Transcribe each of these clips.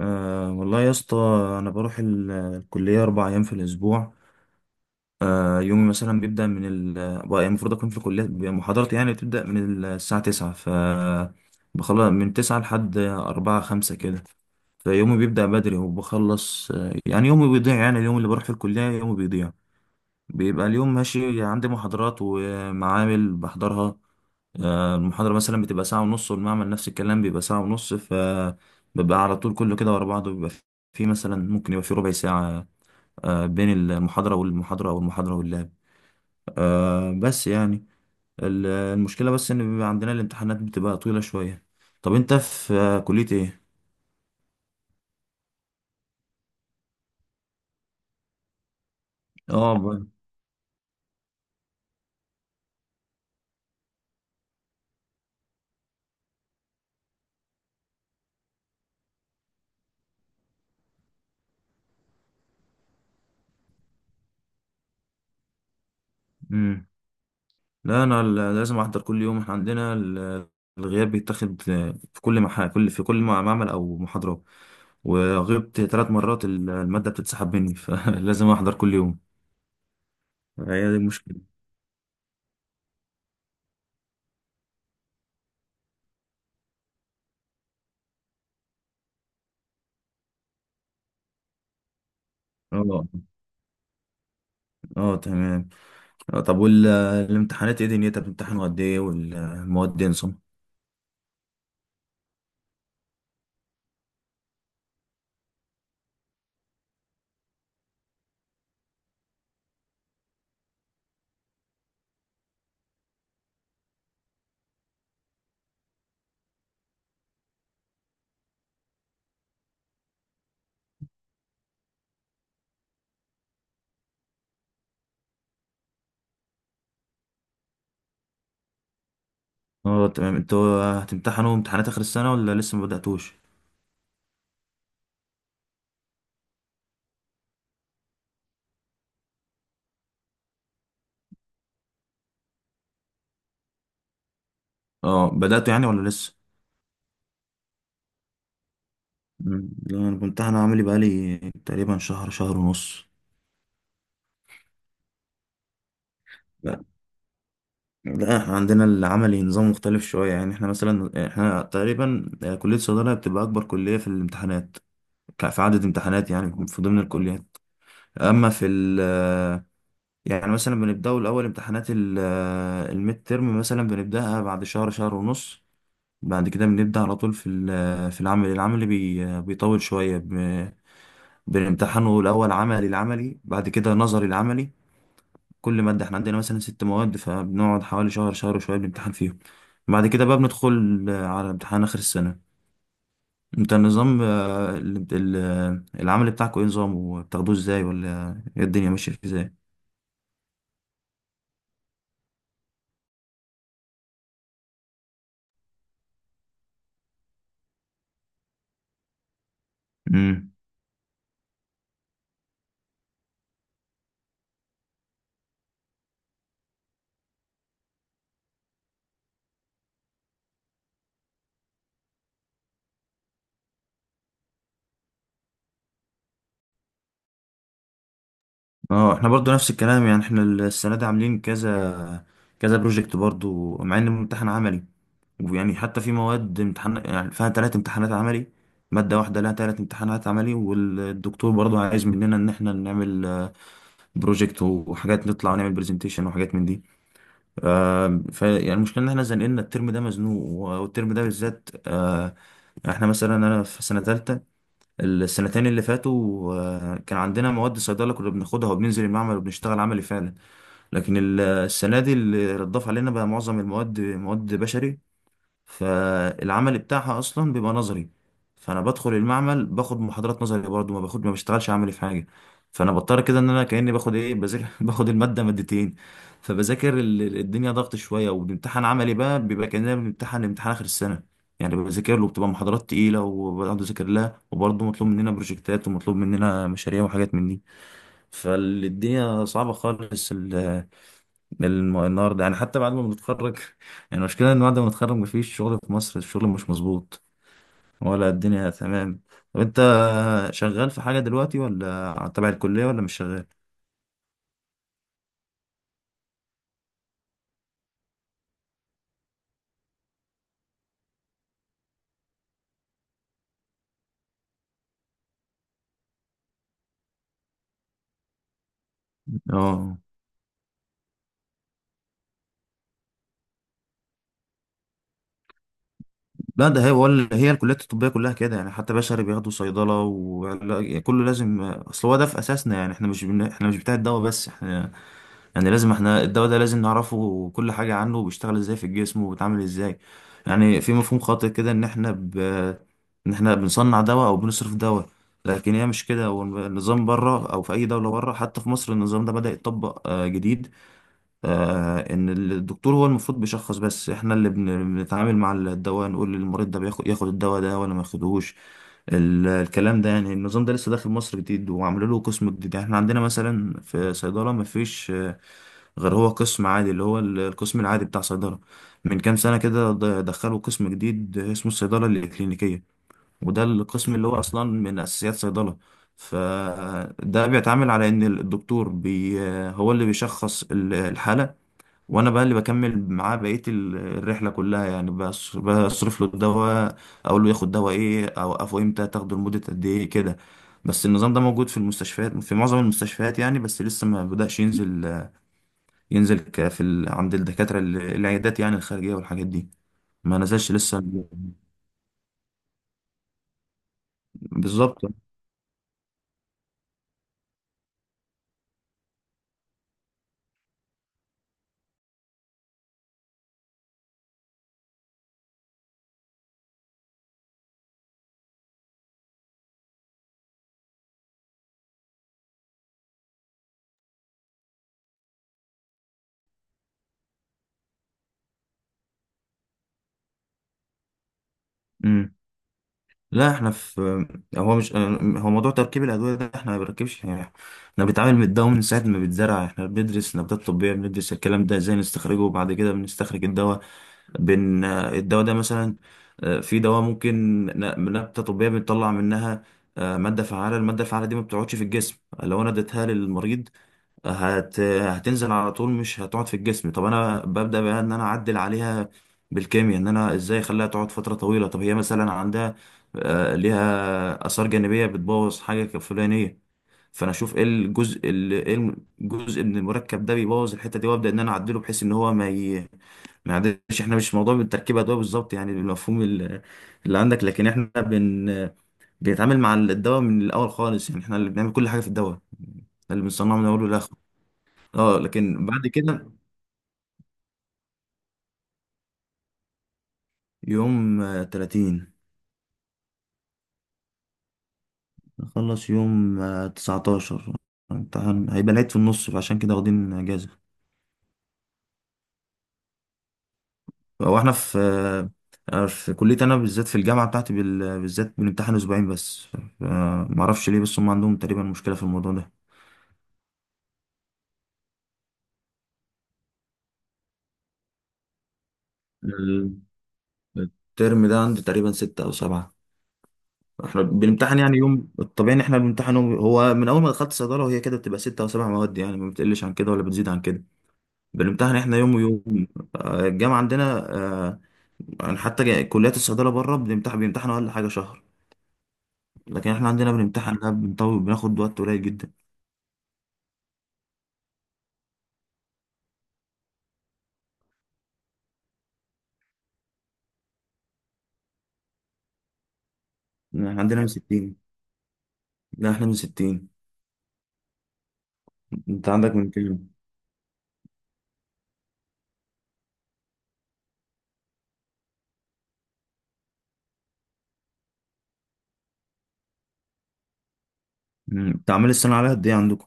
والله يا اسطى، انا بروح الكليه اربع ايام في الاسبوع. يومي مثلا بيبدا من بقى المفروض اكون في الكليه، محاضرتي يعني بتبدا من الساعه 9. بخلص من 9 لحد 4 5 كده، فيومي بيبدا بدري وبخلص. يعني يومي بيضيع، يعني اليوم اللي بروح في الكليه يومي بيضيع، بيبقى اليوم ماشي عندي محاضرات ومعامل بحضرها. المحاضرة مثلا بتبقى ساعة ونص، والمعمل نفس الكلام بيبقى ساعة ونص، فببقى على طول كله كده ورا بعضه. بيبقى في مثلا، ممكن يبقى في ربع ساعة بين المحاضرة والمحاضرة أو المحاضرة واللاب. بس يعني المشكلة بس إن بيبقى عندنا الامتحانات، بتبقى طويلة شوية. طب أنت في كلية إيه؟ اه ب- مم. لا انا لازم احضر كل يوم، احنا عندنا الغياب بيتاخد في كل معمل او محاضرة، وغبت ثلاث مرات المادة بتتسحب مني فلازم احضر كل يوم. هي دي المشكلة. اه، اه، تمام. طب والامتحانات، ايه دنيتها؟ بتمتحنوا قد ايه؟ والمواد ايه نظام؟ اه، تمام. انتوا هتمتحنوا امتحانات اخر السنة ولا لسه ما بدأتوش؟ اه، بدأتوا يعني ولا لسه؟ مم. لا انا بامتحن عملي بقالي تقريبا شهر، شهر ونص. لا احنا عندنا العملي نظام مختلف شوية، يعني احنا تقريبا كلية الصيدلة بتبقى أكبر كلية في الامتحانات، في عدد امتحانات يعني في ضمن الكليات. أما في ال آه، يعني مثلا بنبدأوا الأول امتحانات الميد ترم، مثلا بنبدأها بعد شهر، شهر ونص. بعد كده بنبدأ على طول في في العمل. العمل بي آه، بيطول شوية بنمتحنه الأول عملي، العملي بعد كده نظري العملي. كل مادة، احنا عندنا مثلا ست مواد، فبنقعد حوالي شهر، شهر وشوية بنمتحن فيهم. بعد كده بقى بندخل على امتحان آخر السنة. انت النظام العمل بتاعكوا ايه نظام؟ وبتاخدوه ازاي؟ ولا ايه الدنيا ماشية ازاي؟ امم. اه، احنا برضو نفس الكلام، يعني احنا السنة دي عاملين كذا كذا بروجكت برضو، مع ان الامتحان عملي. ويعني حتى في مواد امتحان يعني فيها ثلاث امتحانات عملي. مادة واحدة لها ثلاث امتحانات عملي، والدكتور برضو عايز مننا ان احنا نعمل بروجكت وحاجات، نطلع ونعمل برزنتيشن وحاجات من دي. آه ف يعني المشكله ان احنا زنقلنا الترم ده، مزنوق والترم ده بالذات. احنا مثلا، انا في سنه ثالثه. السنتين اللي فاتوا كان عندنا مواد صيدله كنا بناخدها وبننزل المعمل وبنشتغل عملي فعلا. لكن السنه دي اللي اتضاف علينا بقى معظم المواد، مواد بشري، فالعمل بتاعها اصلا بيبقى نظري. فانا بدخل المعمل باخد محاضرات نظري برضه، ما بشتغلش عملي في حاجه. فانا بضطر كده ان انا كاني باخد، ايه، بذاكر باخد الماده مادتين. فبذاكر الدنيا ضغط شويه، وبنمتحن عملي بقى، بيبقى كاننا بنمتحن امتحان اخر السنه. يعني بذاكر له، بتبقى محاضرات تقيله وبقعد اذاكر لها، وبرضه مطلوب مننا بروجكتات، ومطلوب مننا مشاريع وحاجات من دي. فالدنيا صعبه خالص. النهارده، يعني حتى بعد ما بنتخرج يعني المشكلة إن بعد ما نتخرج مفيش شغل في مصر، الشغل مش مظبوط ولا الدنيا تمام. طب أنت شغال في حاجة دلوقتي ولا تبع الكلية، ولا مش شغال؟ اه، لا ده هي، ولا هي الكليات الطبية كلها كده، يعني حتى بشري بياخدوا صيدلة، وكله لازم. أصل هو ده في أساسنا، يعني إحنا مش بتاع الدواء بس، إحنا يعني لازم، احنا الدواء ده لازم نعرفه كل حاجة عنه، وبيشتغل ازاي في الجسم، وبيتعمل ازاي. يعني في مفهوم خاطئ كده ان احنا بنصنع دواء او بنصرف دواء، لكن هي مش كده. والنظام بره، او في اي دولة بره، حتى في مصر النظام ده بدأ يتطبق جديد. ان الدكتور هو المفروض بيشخص بس، احنا اللي بنتعامل مع الدواء، نقول للمريض ده ياخد الدواء ده ولا ما ياخدهوش. الكلام ده يعني، النظام ده لسه داخل مصر جديد، وعملوا له قسم جديد. يعني احنا عندنا مثلا في صيدلة ما فيش غير هو قسم عادي، اللي هو القسم العادي بتاع صيدلة. من كام سنة كده دخلوا قسم جديد اسمه الصيدلة الإكلينيكية، وده القسم اللي هو أصلا من أساسيات صيدلة. فده بيتعامل على إن الدكتور بي آه، هو اللي بيشخص الحالة، وانا بقى اللي بكمل معاه بقيه الرحله كلها، يعني بصرف له الدواء، اقول له ياخد دواء ايه، اوقفه امتى، تاخده لمده قد ايه كده. بس النظام ده موجود في المستشفيات، في معظم المستشفيات يعني، بس لسه ما بدأش ينزل. عند الدكاتره، العيادات يعني الخارجيه، والحاجات دي، ما نزلش لسه. بالظبط. لا احنا في هو مش هو موضوع تركيب الادويه ده احنا ما بنركبش يعني. احنا بنتعامل من الدواء من ساعه ما بيتزرع، احنا بندرس نباتات طبيه، بندرس الكلام ده ازاي نستخرجه، وبعد كده بنستخرج الدواء. الدواء ده مثلا في دواء ممكن نبته طبيه بنطلع منها ماده فعاله. الماده الفعاله دي ما بتقعدش في الجسم، لو انا اديتها للمريض هتنزل على طول، مش هتقعد في الجسم. طب انا ببدأ بقى ان انا اعدل عليها بالكيمياء، ان انا ازاي اخليها تقعد فترة طويلة. طب هي مثلا عندها آه، ليها آثار جانبية بتبوظ حاجة فلانية، فانا اشوف ايه الجزء، ال- ايه الجزء من المركب ده بيبوظ الحتة دي، وابدأ ان انا اعدله، بحيث ان هو ما يعدلش. احنا مش موضوع بالتركيب ادوية بالظبط، يعني المفهوم اللي عندك. لكن احنا بنتعامل مع الدواء من الاول خالص، يعني احنا اللي بنعمل كل حاجة في الدواء، اللي بنصنعه من اوله لاخره. اه، لكن بعد كده يوم تلاتين. نخلص يوم تسعتاشر، امتحان هيبقى العيد في النص، فعشان كده واخدين اجازة. هو احنا في كلية، انا بالذات في الجامعة بتاعتي بالذات بنمتحن اسبوعين بس. ف- معرفش ليه، بس هم عندهم تقريبا مشكلة في الموضوع ده. ال- الترم ده عندي تقريبا ستة او سبعة. احنا بنمتحن يعني يوم، الطبيعي ان احنا بنمتحن هو من اول ما دخلت صيدلة، وهي كده بتبقى ستة او سبع مواد يعني، ما بتقلش عن كده ولا بتزيد عن كده. بنمتحن احنا يوم ويوم، الجامعة عندنا يعني حتى كليات الصيدلة بره، بيمتحنوا أقل حاجة شهر. لكن احنا عندنا بنمتحن، لا بنطول، بناخد وقت قليل جدا. يعني احنا عندنا من 60، لا احنا من 60. انت عندك من كام؟ مم، تعمل السنة عليها قد ايه عندكم؟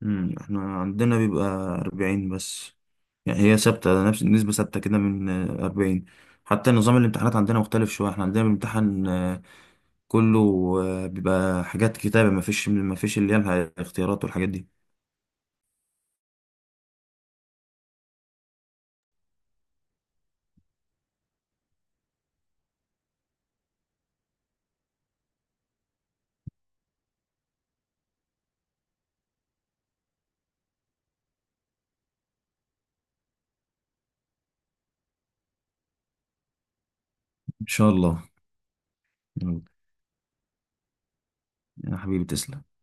مم، احنا عندنا بيبقى 40 بس، يعني هي ثابتة، نفس نسبة ثابتة كده من 40. حتى نظام الامتحانات عندنا مختلف شوية، احنا عندنا بنمتحن كله بيبقى حاجات كتابة، مفيش اللي هي الاختيارات والحاجات دي. ان شاء الله. يلا، يا حبيبي تسلم.